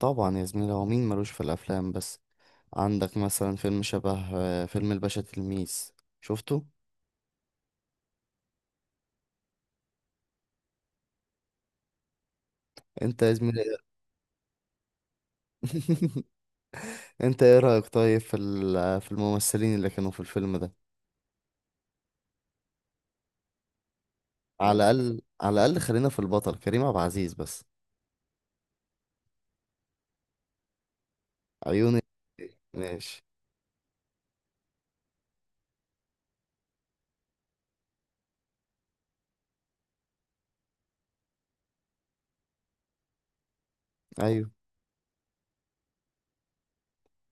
طبعا يا زميلي، هو مين ملوش في الافلام؟ بس عندك مثلا فيلم شبه فيلم الباشا تلميذ. شفته؟ انت يا زميلي. انت ايه رايك طيب في الممثلين اللي كانوا في الفيلم ده؟ على الاقل على الاقل خلينا في البطل كريم عبد العزيز بس. عيوني. ماشي. ايوه.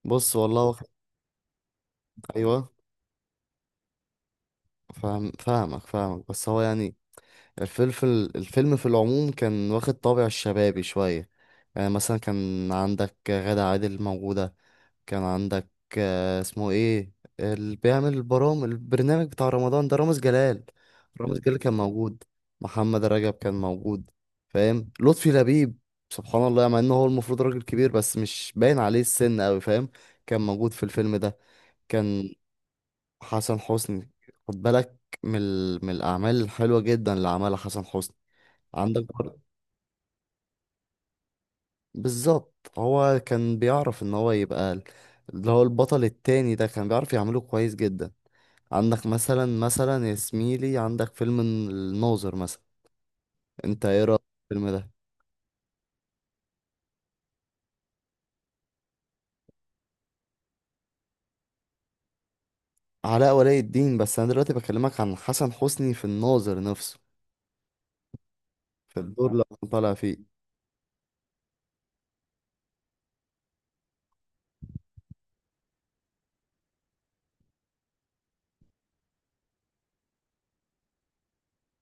بص والله واخد- ايوه. فاهم. فاهمك بس هو يعني الفيلم الفيلم في العموم كان واخد طابع الشبابي شويه. يعني مثلا كان عندك غادة عادل موجودة. كان عندك اسمه ايه؟ اللي بيعمل البرنامج بتاع رمضان ده، رامز جلال. رامز جلال كان موجود. محمد رجب كان موجود. فاهم؟ لطفي لبيب، سبحان الله، مع انه هو المفروض راجل كبير بس مش باين عليه السن قوي، فاهم؟ كان موجود في الفيلم ده. كان حسن حسني. خد بالك، من الاعمال الحلوه جدا اللي عملها حسن حسني. عندك برضه، بالظبط. هو كان بيعرف ان هو يبقى، اللي هو البطل التاني ده، كان بيعرف يعمله كويس جدا. عندك مثلا، مثلا يا زميلي، عندك فيلم الناظر مثلا. انت ايه رأيك في الفيلم ده؟ علاء ولي الدين، بس انا دلوقتي بكلمك عن حسن حسني في الناظر نفسه، في الدور اللي هو طالع فيه.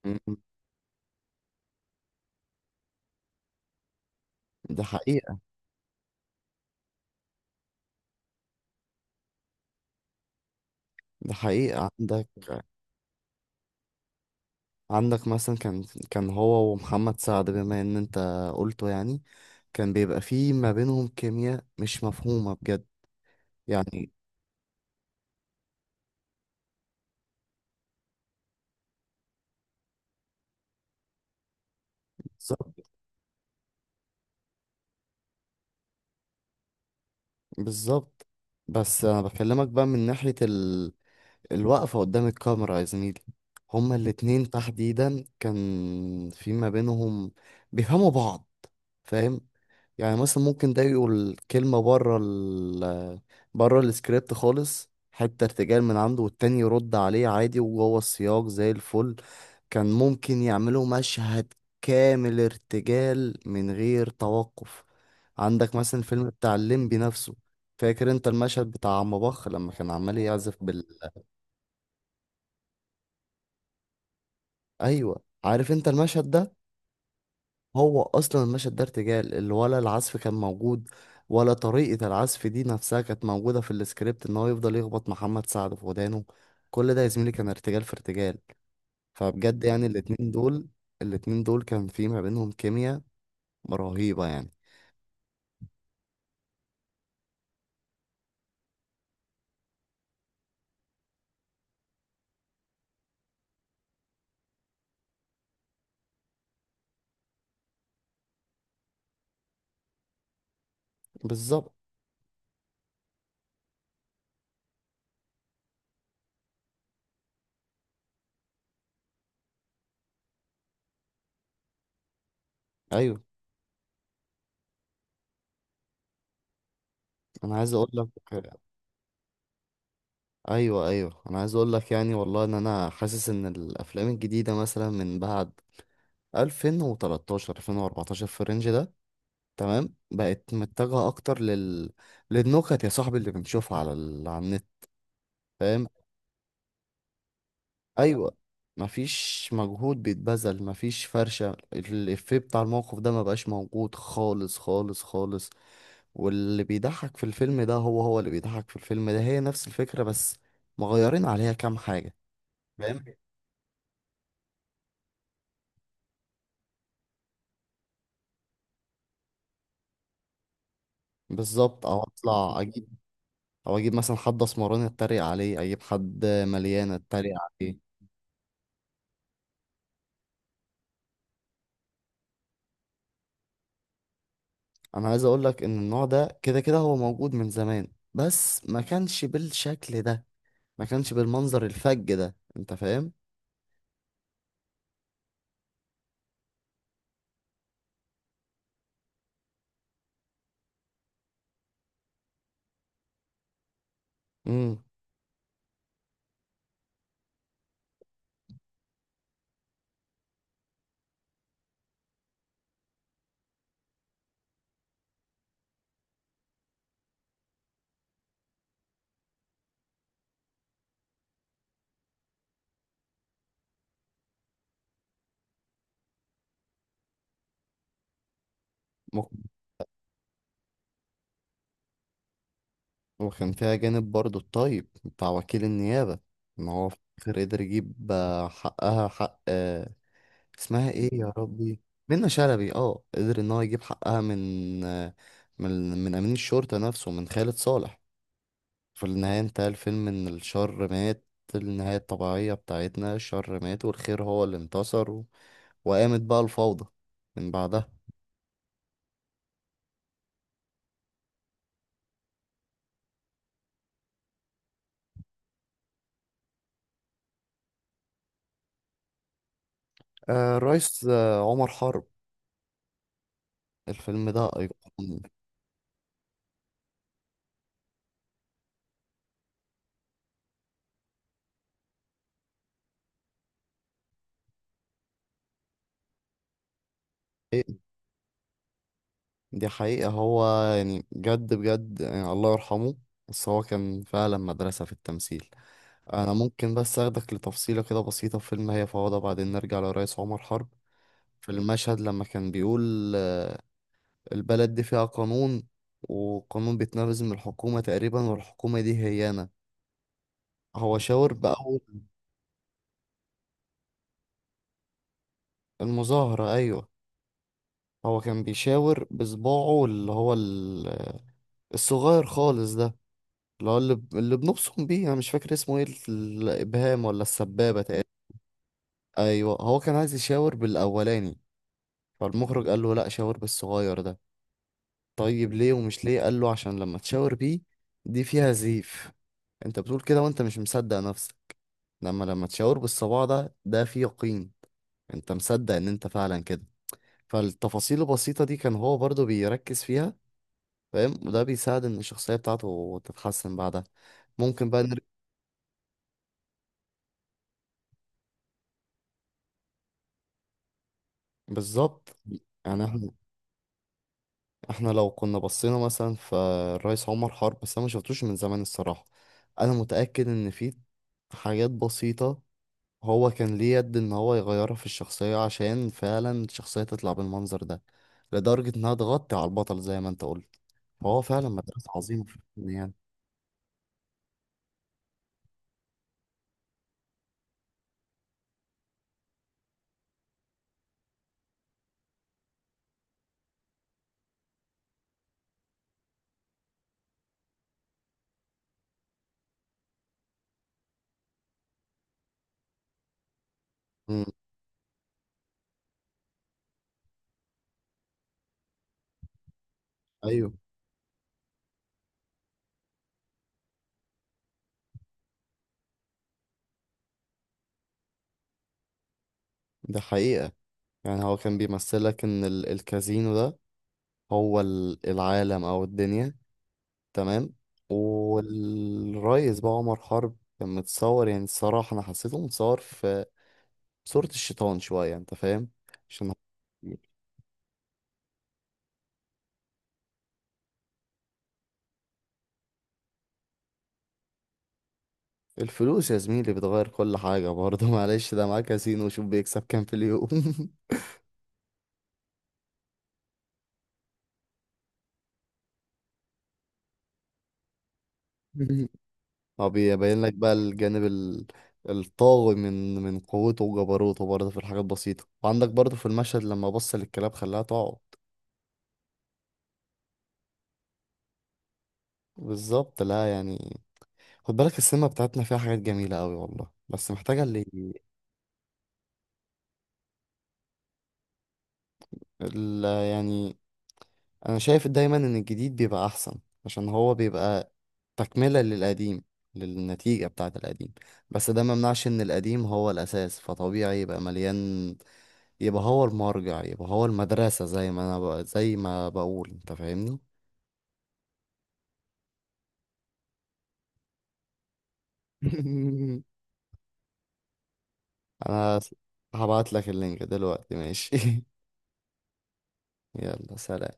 م- م. ده حقيقة. ده حقيقة. عندك، عندك مثلا كان، كان هو ومحمد سعد، بما ان انت قلته يعني، كان بيبقى فيه ما بينهم كيمياء مش مفهومة بجد يعني. بالظبط، بالظبط. بس انا بكلمك بقى من ناحية الوقفة قدام الكاميرا يا زميلي، هما الاتنين تحديدا كان في ما بينهم بيفهموا بعض. فاهم؟ يعني مثلا ممكن ده يقول كلمة بره السكريبت خالص، حتة ارتجال من عنده، والتاني يرد عليه عادي وجوه السياق زي الفل. كان ممكن يعملوا مشهد كامل ارتجال من غير توقف. عندك مثلا فيلم بتاع الليمبي نفسه. فاكر انت المشهد بتاع عم بخ لما كان عمال يعزف؟ ايوه، عارف انت المشهد ده. هو اصلا المشهد ده ارتجال اللي، ولا العزف كان موجود، ولا طريقة العزف دي نفسها كانت موجودة في السكريبت، ان هو يفضل يخبط محمد سعد في ودانه. كل ده يا زميلي كان ارتجال في ارتجال. فبجد يعني، الاتنين دول كان في ما بينهم كيمياء رهيبة يعني. بالظبط. ايوه انا عايز اقول لك، ايوه انا عايز اقول لك يعني والله، ان انا حاسس ان الافلام الجديدة مثلا من بعد 2013، 2014، في الرينج ده، تمام، بقت متجهة أكتر لل... للنكت يا صاحبي، اللي بنشوفها على ال... على النت. فاهم. أيوة. مفيش مجهود بيتبذل، مفيش فرشة، الإفيه بتاع الموقف ده مبقاش موجود، خالص. واللي بيضحك في الفيلم ده هو اللي بيضحك في الفيلم ده، هي نفس الفكرة بس مغيرين عليها كام حاجة. فاهم. بالظبط. أو أطلع أجيب، أو أجيب مثلا حد أسمراني أتريق عليه، أجيب حد مليان أتريق عليه. انا عايز اقول لك ان النوع ده كده كده هو موجود من زمان، بس ما كانش بالشكل ده، ما كانش بالمنظر الفج ده، انت فاهم. امم وكان فيها جانب برضو الطيب بتاع وكيل النيابة، ان هو في الآخر قدر يجيب حقها، حق آه، اسمها ايه يا ربي؟ منة شلبي. اه، قدر ان هو يجيب حقها من، من من امين الشرطة نفسه، من خالد صالح. في النهاية انتهى الفيلم إن الشر مات، النهاية الطبيعية بتاعتنا، الشر مات والخير هو اللي انتصر، و... وقامت بقى الفوضى من بعدها. آه، الرئيس، آه، عمر حرب. الفيلم ده أيقوني. إيه، دي حقيقة. هو يعني جد بجد يعني، الله يرحمه، بس هو كان فعلا مدرسة في التمثيل. أنا ممكن بس أخدك لتفصيلة كده بسيطة في فيلم هي فوضى، بعدين نرجع لرئيس عمر حرب. في المشهد لما كان بيقول: البلد دي فيها قانون، وقانون بيتنفذ من الحكومة تقريبا، والحكومة دي هي أنا. هو شاور بأول المظاهرة، أيوة. هو كان بيشاور بصباعه، الصغير خالص ده، اللي هو اللي, ب- اللي بنبصم بيه. أنا مش فاكر اسمه إيه، الإبهام ولا السبابة تقريبا. أيوة، هو كان عايز يشاور بالأولاني، فالمخرج قال له لأ، شاور بالصغير ده. طيب ليه؟ ومش ليه؟ قال له عشان لما تشاور بيه، دي فيها زيف، انت بتقول كده وانت مش مصدق نفسك. لما تشاور بالصباع ده، ده فيه يقين، انت مصدق ان انت فعلا كده. فالتفاصيل البسيطة دي كان هو برضو بيركز فيها. فاهم؟ وده بيساعد ان الشخصية بتاعته تتحسن بعدها. ممكن بقى نر... بالظبط. يعني احنا، احنا لو كنا بصينا مثلا في الرئيس عمر حرب، بس انا ما شفتوش من زمان الصراحة. انا متأكد ان في حاجات بسيطة هو كان ليه يد ان هو يغيرها في الشخصية، عشان فعلا الشخصية تطلع بالمنظر ده، لدرجة انها تغطي على البطل زي ما انت قلت. هو فعلا مدرسة عظيمة في الفن يعني. مم. أيوه. ده حقيقة. يعني هو كان بيمثلك إن الكازينو ده هو العالم أو الدنيا، تمام. والريس بقى عمر حرب كان متصور، يعني الصراحة أنا حسيته متصور في صورة الشيطان شوية، أنت فاهم؟ عشان هو. الفلوس يا زميلي بتغير كل حاجة برضه. معلش، ده معاه كازينو وشوف بيكسب كام في اليوم. هو بيبين لك بقى الطاغي من قوته وجبروته برضه في الحاجات البسيطة. وعندك برضه في المشهد لما بص للكلاب خلاها تقعد. بالظبط. لا يعني، خد بالك السينما بتاعتنا فيها حاجات جميلة أوي والله، بس محتاجة اللي يعني. أنا شايف دايما إن الجديد بيبقى أحسن، عشان هو بيبقى تكملة للقديم، للنتيجة بتاعة القديم. بس ده ممنعش إن القديم هو الأساس، فطبيعي يبقى مليان، يبقى هو المرجع، يبقى هو المدرسة، زي ما انا ب... زي ما بقول، انت فاهمني. انا هبعت لك اللينك دلوقتي، ماشي؟ يلا سلام.